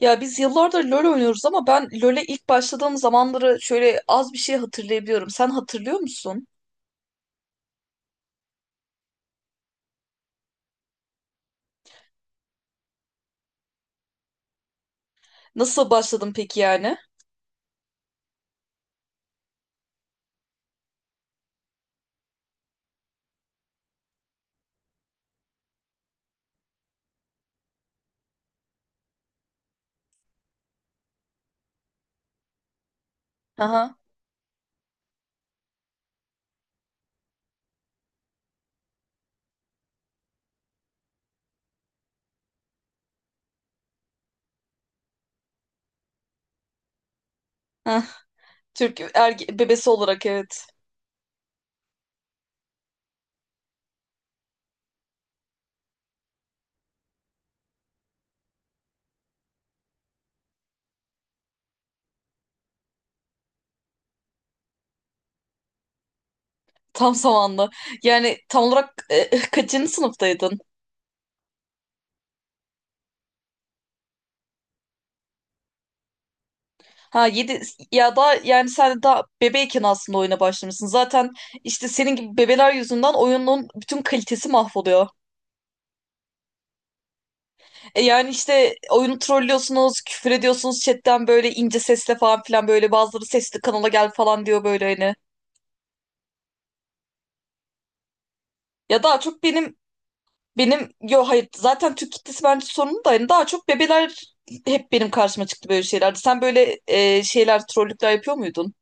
Ya biz yıllardır LoL oynuyoruz ama ben LoL'e ilk başladığım zamanları şöyle az bir şey hatırlayabiliyorum. Sen hatırlıyor musun? Nasıl başladın peki yani? Aha. Heh. Türk erge bebesi olarak evet. Tam zamanlı. Yani tam olarak kaçıncı sınıftaydın? Ha 7 ya da yani sen daha bebeyken aslında oyuna başlamışsın. Zaten işte senin gibi bebeler yüzünden oyunun bütün kalitesi mahvoluyor. E yani işte oyunu trollüyorsunuz, küfür ediyorsunuz chatten böyle ince sesle falan filan, böyle bazıları sesli kanala gel falan diyor böyle hani. Ya daha çok benim yo, hayır, zaten Türk kitlesi bence sorunlu da hani daha çok bebeler hep benim karşıma çıktı böyle şeylerde. Sen böyle şeyler, trollükler yapıyor muydun?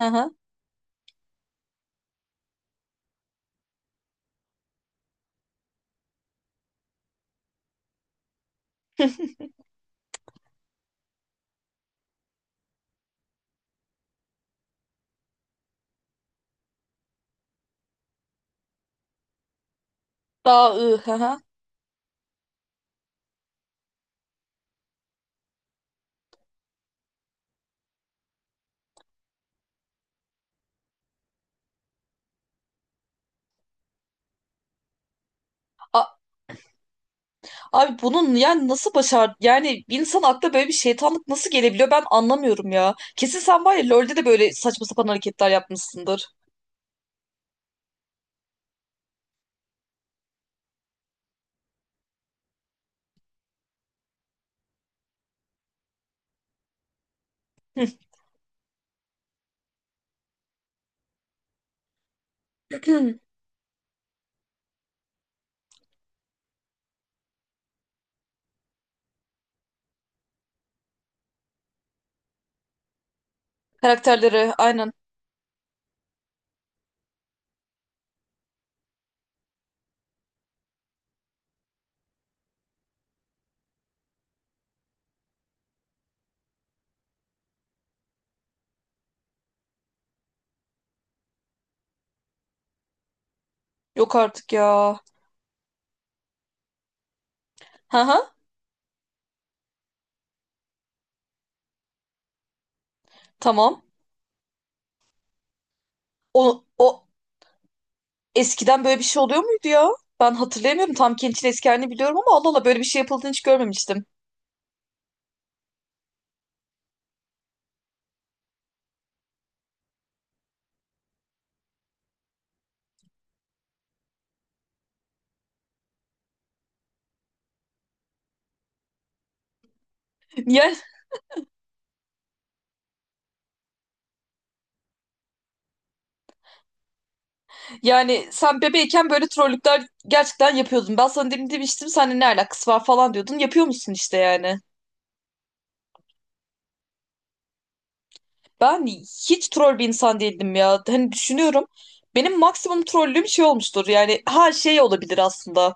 Hı hı. Daha ı hı hı. A- Abi bunun yani nasıl başar, yani bir insan aklına böyle bir şeytanlık nasıl gelebiliyor, ben anlamıyorum ya. Kesin sen var ya LoL'de de böyle saçma sapan hareketler yapmışsındır. Karakterleri aynen. Yok artık ya. Hı hı. Tamam. O eskiden böyle bir şey oluyor muydu ya? Ben hatırlayamıyorum. Tam Kent'in eski halini biliyorum ama Allah Allah, böyle bir şey yapıldığını hiç görmemiştim. Yani Yani sen bebeğken böyle trollükler gerçekten yapıyordun. Ben sana demin demiştim seninle ne alakası var falan diyordun. Yapıyor musun işte yani. Ben hiç troll bir insan değildim ya. Hani düşünüyorum. Benim maksimum trollüm şey olmuştur. Yani her şey olabilir aslında.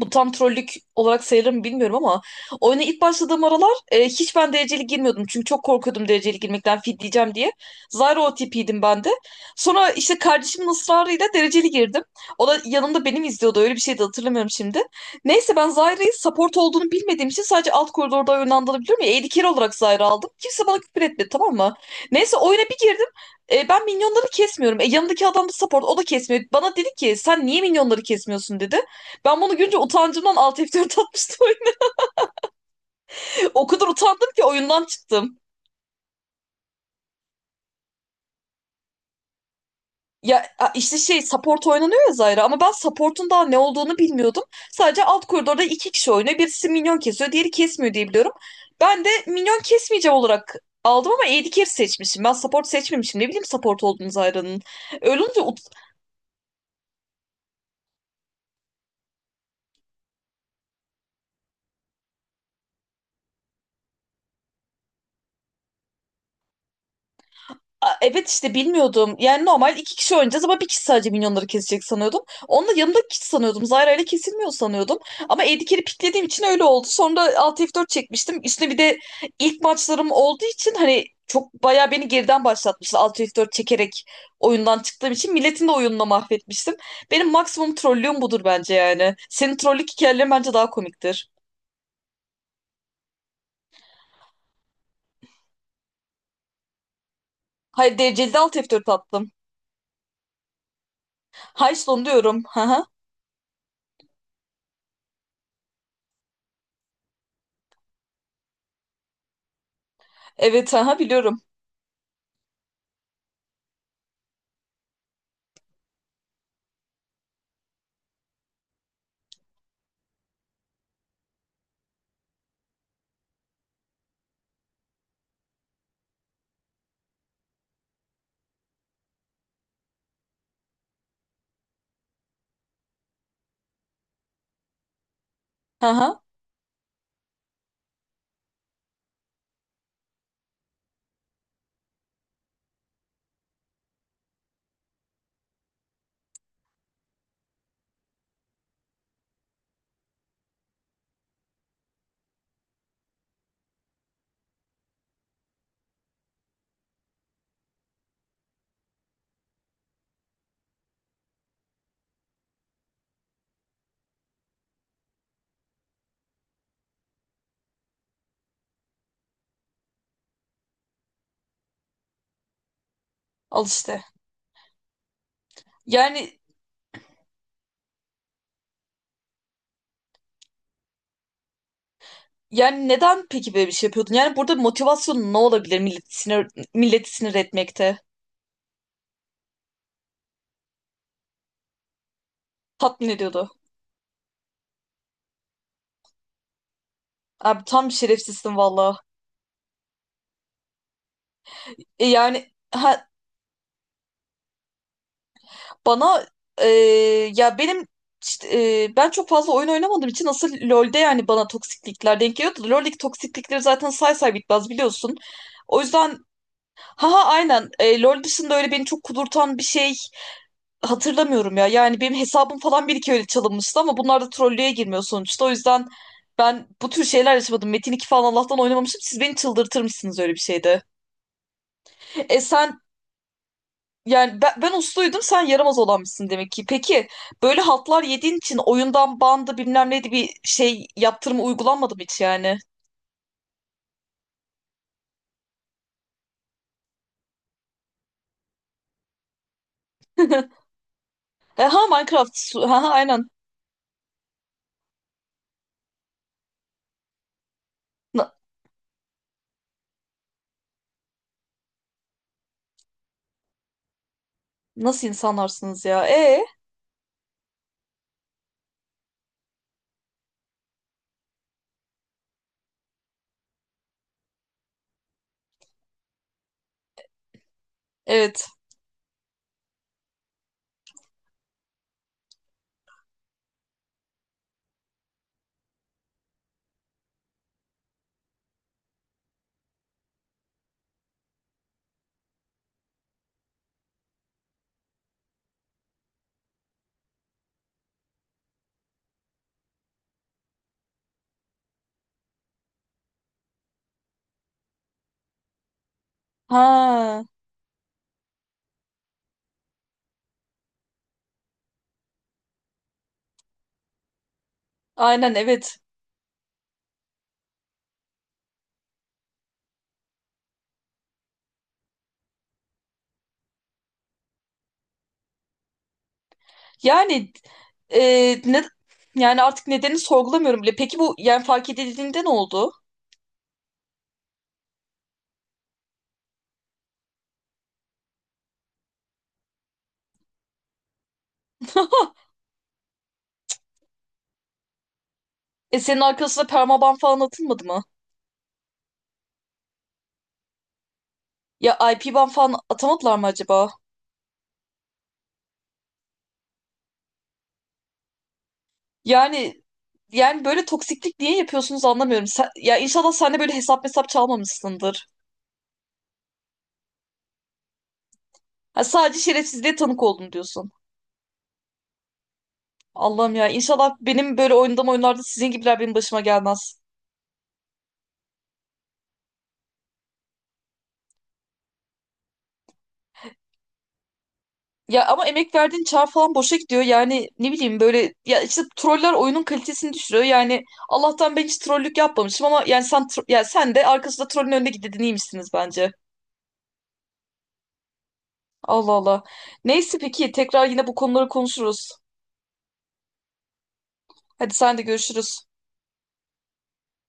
Bu tam trollük olarak sayılır mı bilmiyorum ama oyuna ilk başladığım aralar hiç ben dereceli girmiyordum. Çünkü çok korkuyordum dereceli girmekten, fidleyeceğim diye. Zyro OTP'ydim ben de. Sonra işte kardeşimin ısrarıyla dereceli girdim. O da yanımda benim izliyordu, öyle bir şey de hatırlamıyorum şimdi. Neyse, ben Zyra'yı support olduğunu bilmediğim için sadece alt koridorda oynandığını biliyorum ya. AD carry olarak Zyra aldım. Kimse bana küfür etmedi, tamam mı? Neyse, oyuna bir girdim. Ben minyonları kesmiyorum. Yanındaki adam da support, o da kesmiyor. Bana dedi ki sen niye minyonları kesmiyorsun dedi. Ben bunu görünce utancımdan alt F4 atmıştım. O kadar utandım ki oyundan çıktım. Ya işte şey, support oynanıyor ya Zyra, ama ben support'un daha ne olduğunu bilmiyordum. Sadece alt koridorda iki kişi oynuyor. Birisi minyon kesiyor, diğeri kesmiyor diye biliyorum. Ben de minyon kesmeyeceğim olarak aldım ama AD carry seçmişim. Ben support seçmemişim. Ne bileyim support olduğunu Zyra'nın. Öyle olunca evet işte bilmiyordum. Yani normal iki kişi oynayacağız ama bir kişi sadece minyonları kesecek sanıyordum. Onunla yanımdaki kişi sanıyordum. Zyra ile kesilmiyor sanıyordum. Ama Edgar'i piklediğim için öyle oldu. Sonra Alt F4 çekmiştim. Üstüne bir de ilk maçlarım olduğu için hani çok bayağı beni geriden başlatmıştı. Alt F4 çekerek oyundan çıktığım için milletin de oyununu mahvetmiştim. Benim maksimum trollüğüm budur bence yani. Senin trollük hikayelerin bence daha komiktir. Hayır, dereceli de Alt F4 attım. High diyorum. Haha. Evet, haha, biliyorum. Hı hı, al işte. Yani yani neden peki böyle bir şey yapıyordun? Yani burada motivasyon ne olabilir milleti sinir etmekte? Tatmin ediyordu. Abi tam şerefsizsin valla. E yani ha, bana e, ya benim işte, ben çok fazla oyun oynamadığım için asıl LoL'de yani bana toksiklikler denk geliyordu. LoL'deki toksiklikleri zaten say say bitmez, biliyorsun. O yüzden ha ha aynen, LoL dışında öyle beni çok kudurtan bir şey hatırlamıyorum ya. Yani benim hesabım falan bir iki öyle çalınmıştı ama bunlar da trollüğe girmiyor sonuçta. O yüzden ben bu tür şeyler yaşamadım. Metin 2 falan Allah'tan oynamamışım. Siz beni çıldırtır mısınız öyle bir şeyde? E sen Yani ben, usluydum, sen yaramaz olanmışsın demek ki. Peki böyle haltlar yediğin için oyundan bandı bilmem neydi bir şey, yaptırımı uygulanmadı mı hiç yani? Ha, Minecraft. Ha ha, aynen. Na- Nasıl insanlarsınız ya? Evet. Ha aynen, evet. Yani e, ne yani, artık nedenini sorgulamıyorum bile. Peki bu yani fark edildiğinde ne oldu? E senin arkasına permaban falan atılmadı mı? Ya IP ban falan atamadılar mı acaba? Yani yani böyle toksiklik niye yapıyorsunuz anlamıyorum. Ya inşallah sen de böyle hesap hesap çalmamışsındır. Ha, sadece şerefsizliğe tanık oldum diyorsun. Allah'ım ya, inşallah benim böyle oynadığım oyunlarda sizin gibiler benim başıma gelmez. Ya ama emek verdiğin çağ falan boşa gidiyor. Yani ne bileyim, böyle ya işte troller oyunun kalitesini düşürüyor. Yani Allah'tan ben hiç trollük yapmamışım ama yani ya sen de arkasında trollün önünde gidedin, iyiymişsiniz bence. Allah Allah. Neyse, peki tekrar yine bu konuları konuşuruz. Hadi sen de, görüşürüz.